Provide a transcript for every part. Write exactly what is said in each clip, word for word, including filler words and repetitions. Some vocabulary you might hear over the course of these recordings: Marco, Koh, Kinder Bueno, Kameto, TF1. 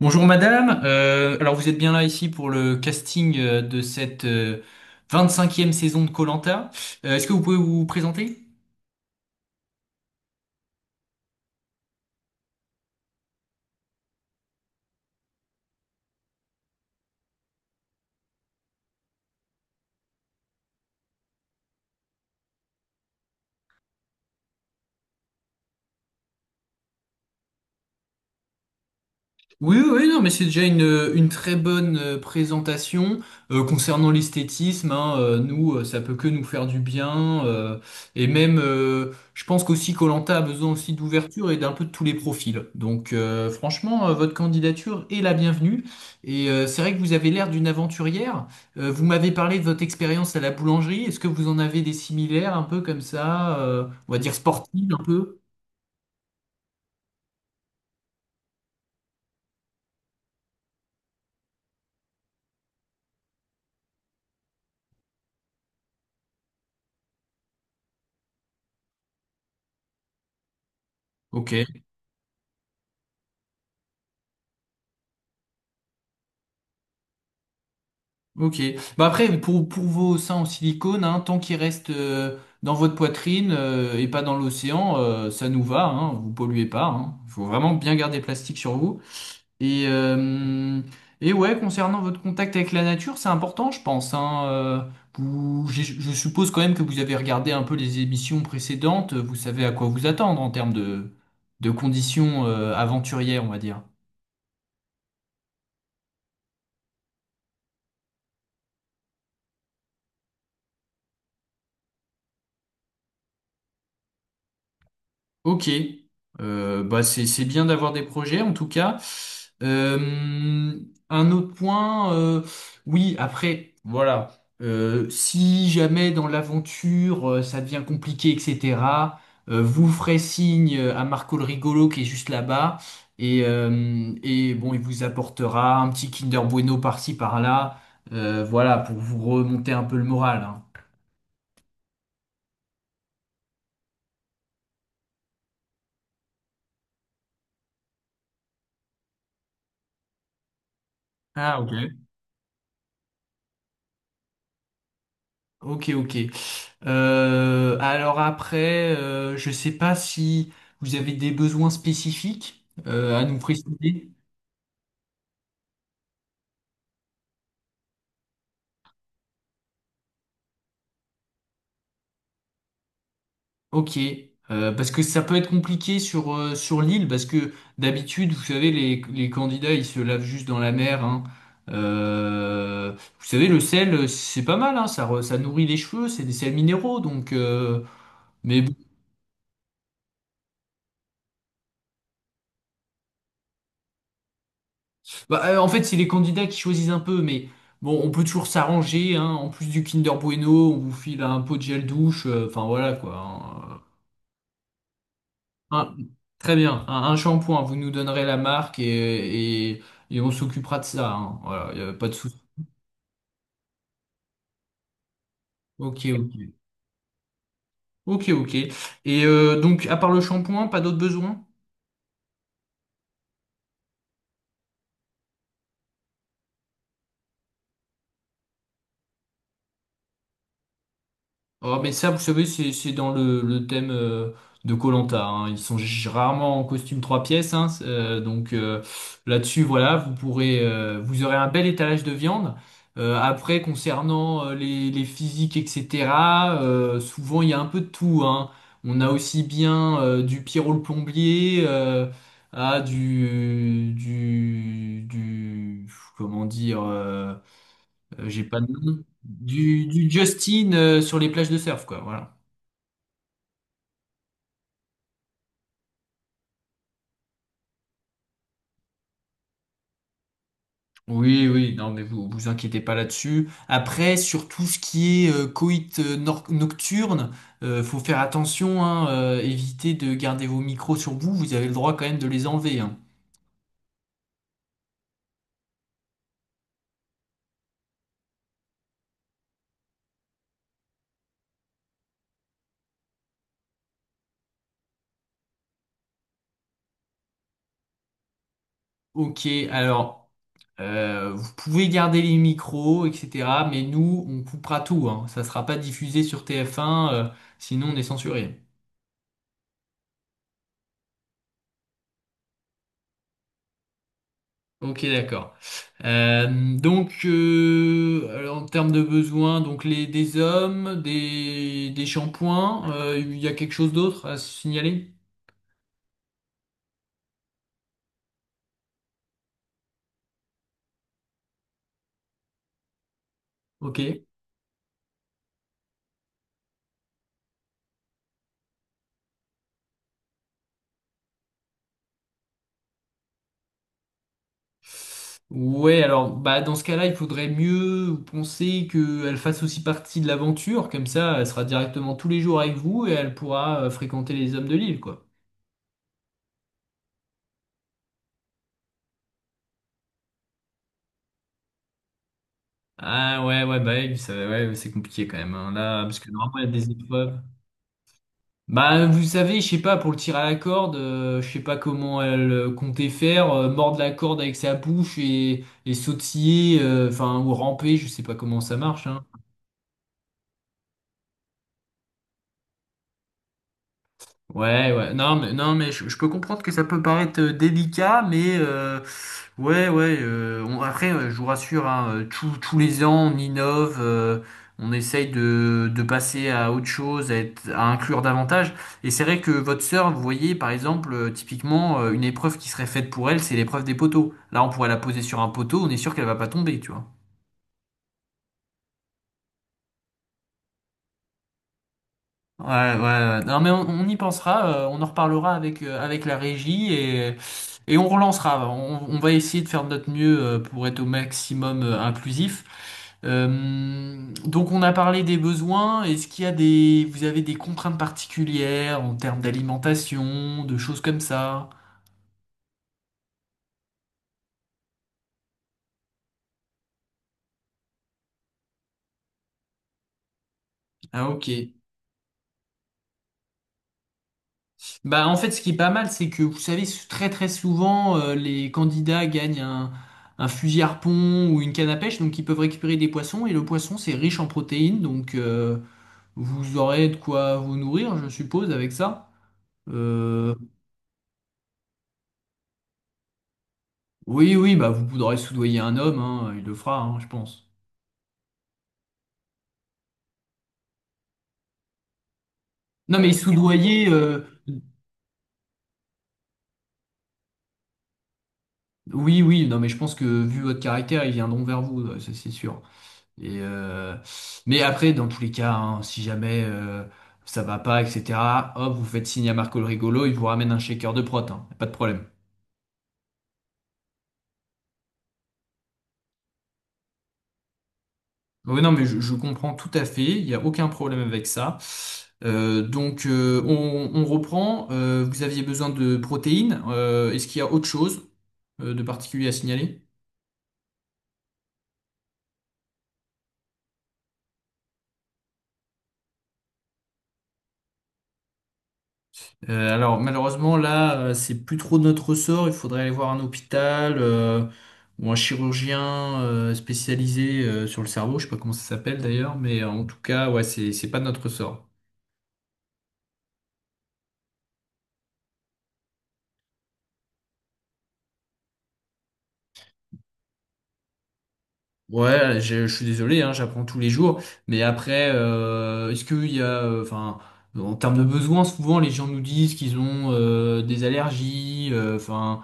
Bonjour madame. Euh, alors vous êtes bien là ici pour le casting euh, de cette euh, vingt-cinquième saison de koh. Est-ce que vous pouvez vous présenter? Oui, oui, oui, non, mais c'est déjà une, euh, une très bonne euh, présentation. Euh, concernant l'esthétisme, hein, euh, nous, euh, ça peut que nous faire du bien. euh, et même, euh, je pense qu'aussi koh a besoin aussi d'ouverture et d'un peu de tous les profils. Donc, euh, franchement, euh, votre candidature est la bienvenue. Et euh, c'est vrai que vous avez l'air d'une aventurière. Euh, vous m'avez parlé de votre expérience à la boulangerie. Est-ce que vous en avez des similaires, un peu comme ça, euh, on va dire sportive, un peu? Ok. Ok. Bah après, pour, pour vos seins en silicone, hein, tant qu'ils restent euh, dans votre poitrine euh, et pas dans l'océan, euh, ça nous va, hein, vous polluez pas, hein. Il faut vraiment bien garder le plastique sur vous. Et, euh, et ouais, concernant votre contact avec la nature, c'est important, je pense, hein. Euh, vous- j'ai- je suppose quand même que vous avez regardé un peu les émissions précédentes. Vous savez à quoi vous attendre en termes de, de conditions euh, aventurières, on va dire. Ok. Euh, bah c'est c'est bien d'avoir des projets en tout cas. Euh, un autre point, euh, oui après voilà. Euh, si jamais dans l'aventure euh, ça devient compliqué et cetera, euh, vous ferez signe euh, à Marco le rigolo qui est juste là-bas, et euh, et bon il vous apportera un petit Kinder Bueno par-ci par-là. Euh, voilà pour vous remonter un peu le moral, hein. Ah ok. Ok, ok. Euh, alors après, euh, je sais pas si vous avez des besoins spécifiques euh, à nous préciser. Ok. Euh, parce que ça peut être compliqué sur, euh, sur l'île, parce que d'habitude, vous savez, les, les candidats, ils se lavent juste dans la mer, hein. Euh, vous savez, le sel, c'est pas mal, hein, ça, re- ça nourrit les cheveux, c'est des sels minéraux, donc euh, mais bon. Bah, euh, en fait, c'est les candidats qui choisissent un peu, mais bon, on peut toujours s'arranger, hein. En plus du Kinder Bueno, on vous file un pot de gel douche, euh, enfin voilà quoi. Hein. Un- Très bien, un, un shampoing, vous nous donnerez la marque et, et, et on s'occupera de ça, hein. Voilà, y a pas de souci. Ok, ok. Ok, ok. Et euh, donc, à part le shampoing, pas d'autres besoins? Oh, mais ça, vous savez, c'est c'est dans le, le thème euh, de koh. Ils sont g- rarement en costume trois pièces, hein, c'est- euh, donc euh, là-dessus, voilà, vous pourrez, euh, vous aurez un bel étalage de viande. Euh, après, concernant euh, les, les physiques, et cetera, euh, souvent il y a un peu de tout, hein. On a aussi bien euh, du Pierrot le plombier euh, à du, du, du, comment dire, euh, euh, j'ai pas de nom. Du, du Justin euh, sur les plages de surf, quoi, voilà. Oui, oui, non, mais vous vous inquiétez pas là-dessus. Après, sur tout ce qui est euh, coït euh, nor- nocturne, euh, faut faire attention, hein, euh, évitez de garder vos micros sur vous, vous avez le droit quand même de les enlever, hein. Ok, alors, euh, vous pouvez garder les micros, et cetera, mais nous, on coupera tout, hein. Ça sera pas diffusé sur T F un, euh, sinon on est censuré. Ok, d'accord. Euh, donc, euh, alors, en termes de besoins, donc les des hommes, des, des shampoings, euh, il y a quelque chose d'autre à signaler? Ok. Ouais, alors bah dans ce cas-là, il faudrait mieux penser qu'elle fasse aussi partie de l'aventure, comme ça, elle sera directement tous les jours avec vous et elle pourra euh, fréquenter les hommes de l'île, quoi. Ah ouais, ouais, bah oui, ça- ouais, ouais, c'est compliqué quand même, hein. Là, parce que normalement, il y a des épreuves. Bah, vous savez, je sais pas, pour le tir à la corde, euh, je sais pas comment elle euh, comptait faire, euh, mordre la corde avec sa bouche et, et sautiller, euh, enfin, ou ramper, je sais pas comment ça marche, hein. Ouais, ouais, non, mais, non, mais je, je peux comprendre que ça peut paraître euh, délicat, mais euh, ouais, ouais, euh, on- après, euh, je vous rassure, hein, euh, tous tous les ans, on innove, euh, on essaye de, de passer à autre chose, à, être- à inclure davantage. Et c'est vrai que votre sœur, vous voyez, par exemple, euh, typiquement, euh, une épreuve qui serait faite pour elle, c'est l'épreuve des poteaux. Là, on pourrait la poser sur un poteau, on est sûr qu'elle va pas tomber, tu vois. Ouais, ouais, ouais. Non, mais on, on y pensera, euh, on en reparlera avec, euh, avec la régie et, et on relancera. On, on va essayer de faire de notre mieux euh, pour être au maximum euh, inclusif. Euh, donc on a parlé des besoins. Est-ce qu'il y a des, vous avez des contraintes particulières en termes d'alimentation, de choses comme ça? Ah, ok. Bah, en fait, ce qui est pas mal, c'est que vous savez, très très souvent, euh, les candidats gagnent un, un fusil harpon ou une canne à pêche, donc ils peuvent récupérer des poissons, et le poisson, c'est riche en protéines, donc euh, vous aurez de quoi vous nourrir, je suppose, avec ça. Euh, oui, oui, bah vous pourrez soudoyer un homme, hein, il le fera, hein, je pense. Non, mais soudoyer, euh, Oui, oui, non, mais je pense que vu votre caractère, ils viendront vers vous, ouais, ça c'est sûr. Et, euh, mais après, dans tous les cas, hein, si jamais euh, ça va pas, et cetera, hop, vous faites signe à Marco le rigolo, il vous ramène un shaker de prot, hein, pas de problème. Oui, non, mais je, je comprends tout à fait, il n'y a aucun problème avec ça. Euh, donc, euh, on, on reprend. Euh, vous aviez besoin de protéines. Euh, est-ce qu'il y a autre chose euh, de particulier à signaler? Euh, alors malheureusement là, euh, c'est plus trop de notre ressort. Il faudrait aller voir un hôpital euh, ou un chirurgien euh, spécialisé euh, sur le cerveau. Je sais pas comment ça s'appelle d'ailleurs, mais euh, en tout cas, ouais, c'est c'est pas de notre ressort. Ouais, je, je suis désolé, hein, j'apprends tous les jours. Mais après, euh, est-ce qu'il y a, euh, enfin, en termes de besoins, souvent les gens nous disent qu'ils ont euh, des allergies, euh, enfin,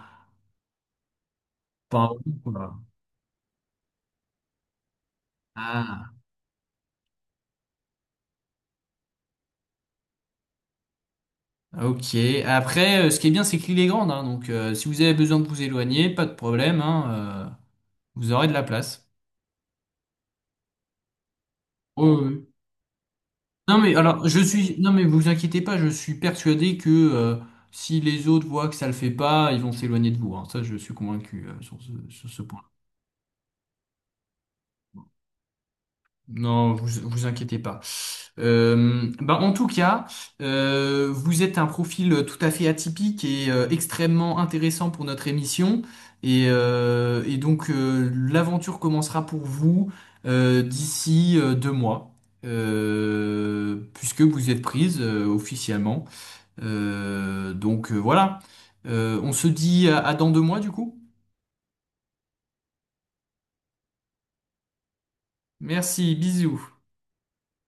enfin, voilà. Ah. Ah, Ok. Après, euh, ce qui est bien, c'est que l'île est grande, hein, donc euh, si vous avez besoin de vous éloigner, pas de problème, hein, euh, vous aurez de la place. Oui, oui. Non mais alors, je suis, non mais vous inquiétez pas, je suis persuadé que euh, si les autres voient que ça le fait pas, ils vont s'éloigner de vous, hein. Ça, je suis convaincu euh, sur ce, sur ce point. Non, vous vous inquiétez pas. Euh, ben, en tout cas, euh, vous êtes un profil tout à fait atypique et euh, extrêmement intéressant pour notre émission. Et, euh, et donc euh, l'aventure commencera pour vous euh, d'ici euh, deux mois, euh, puisque vous êtes prise euh, officiellement. Euh, donc euh, voilà. Euh, on se dit à à dans deux mois du coup. Merci, bisous.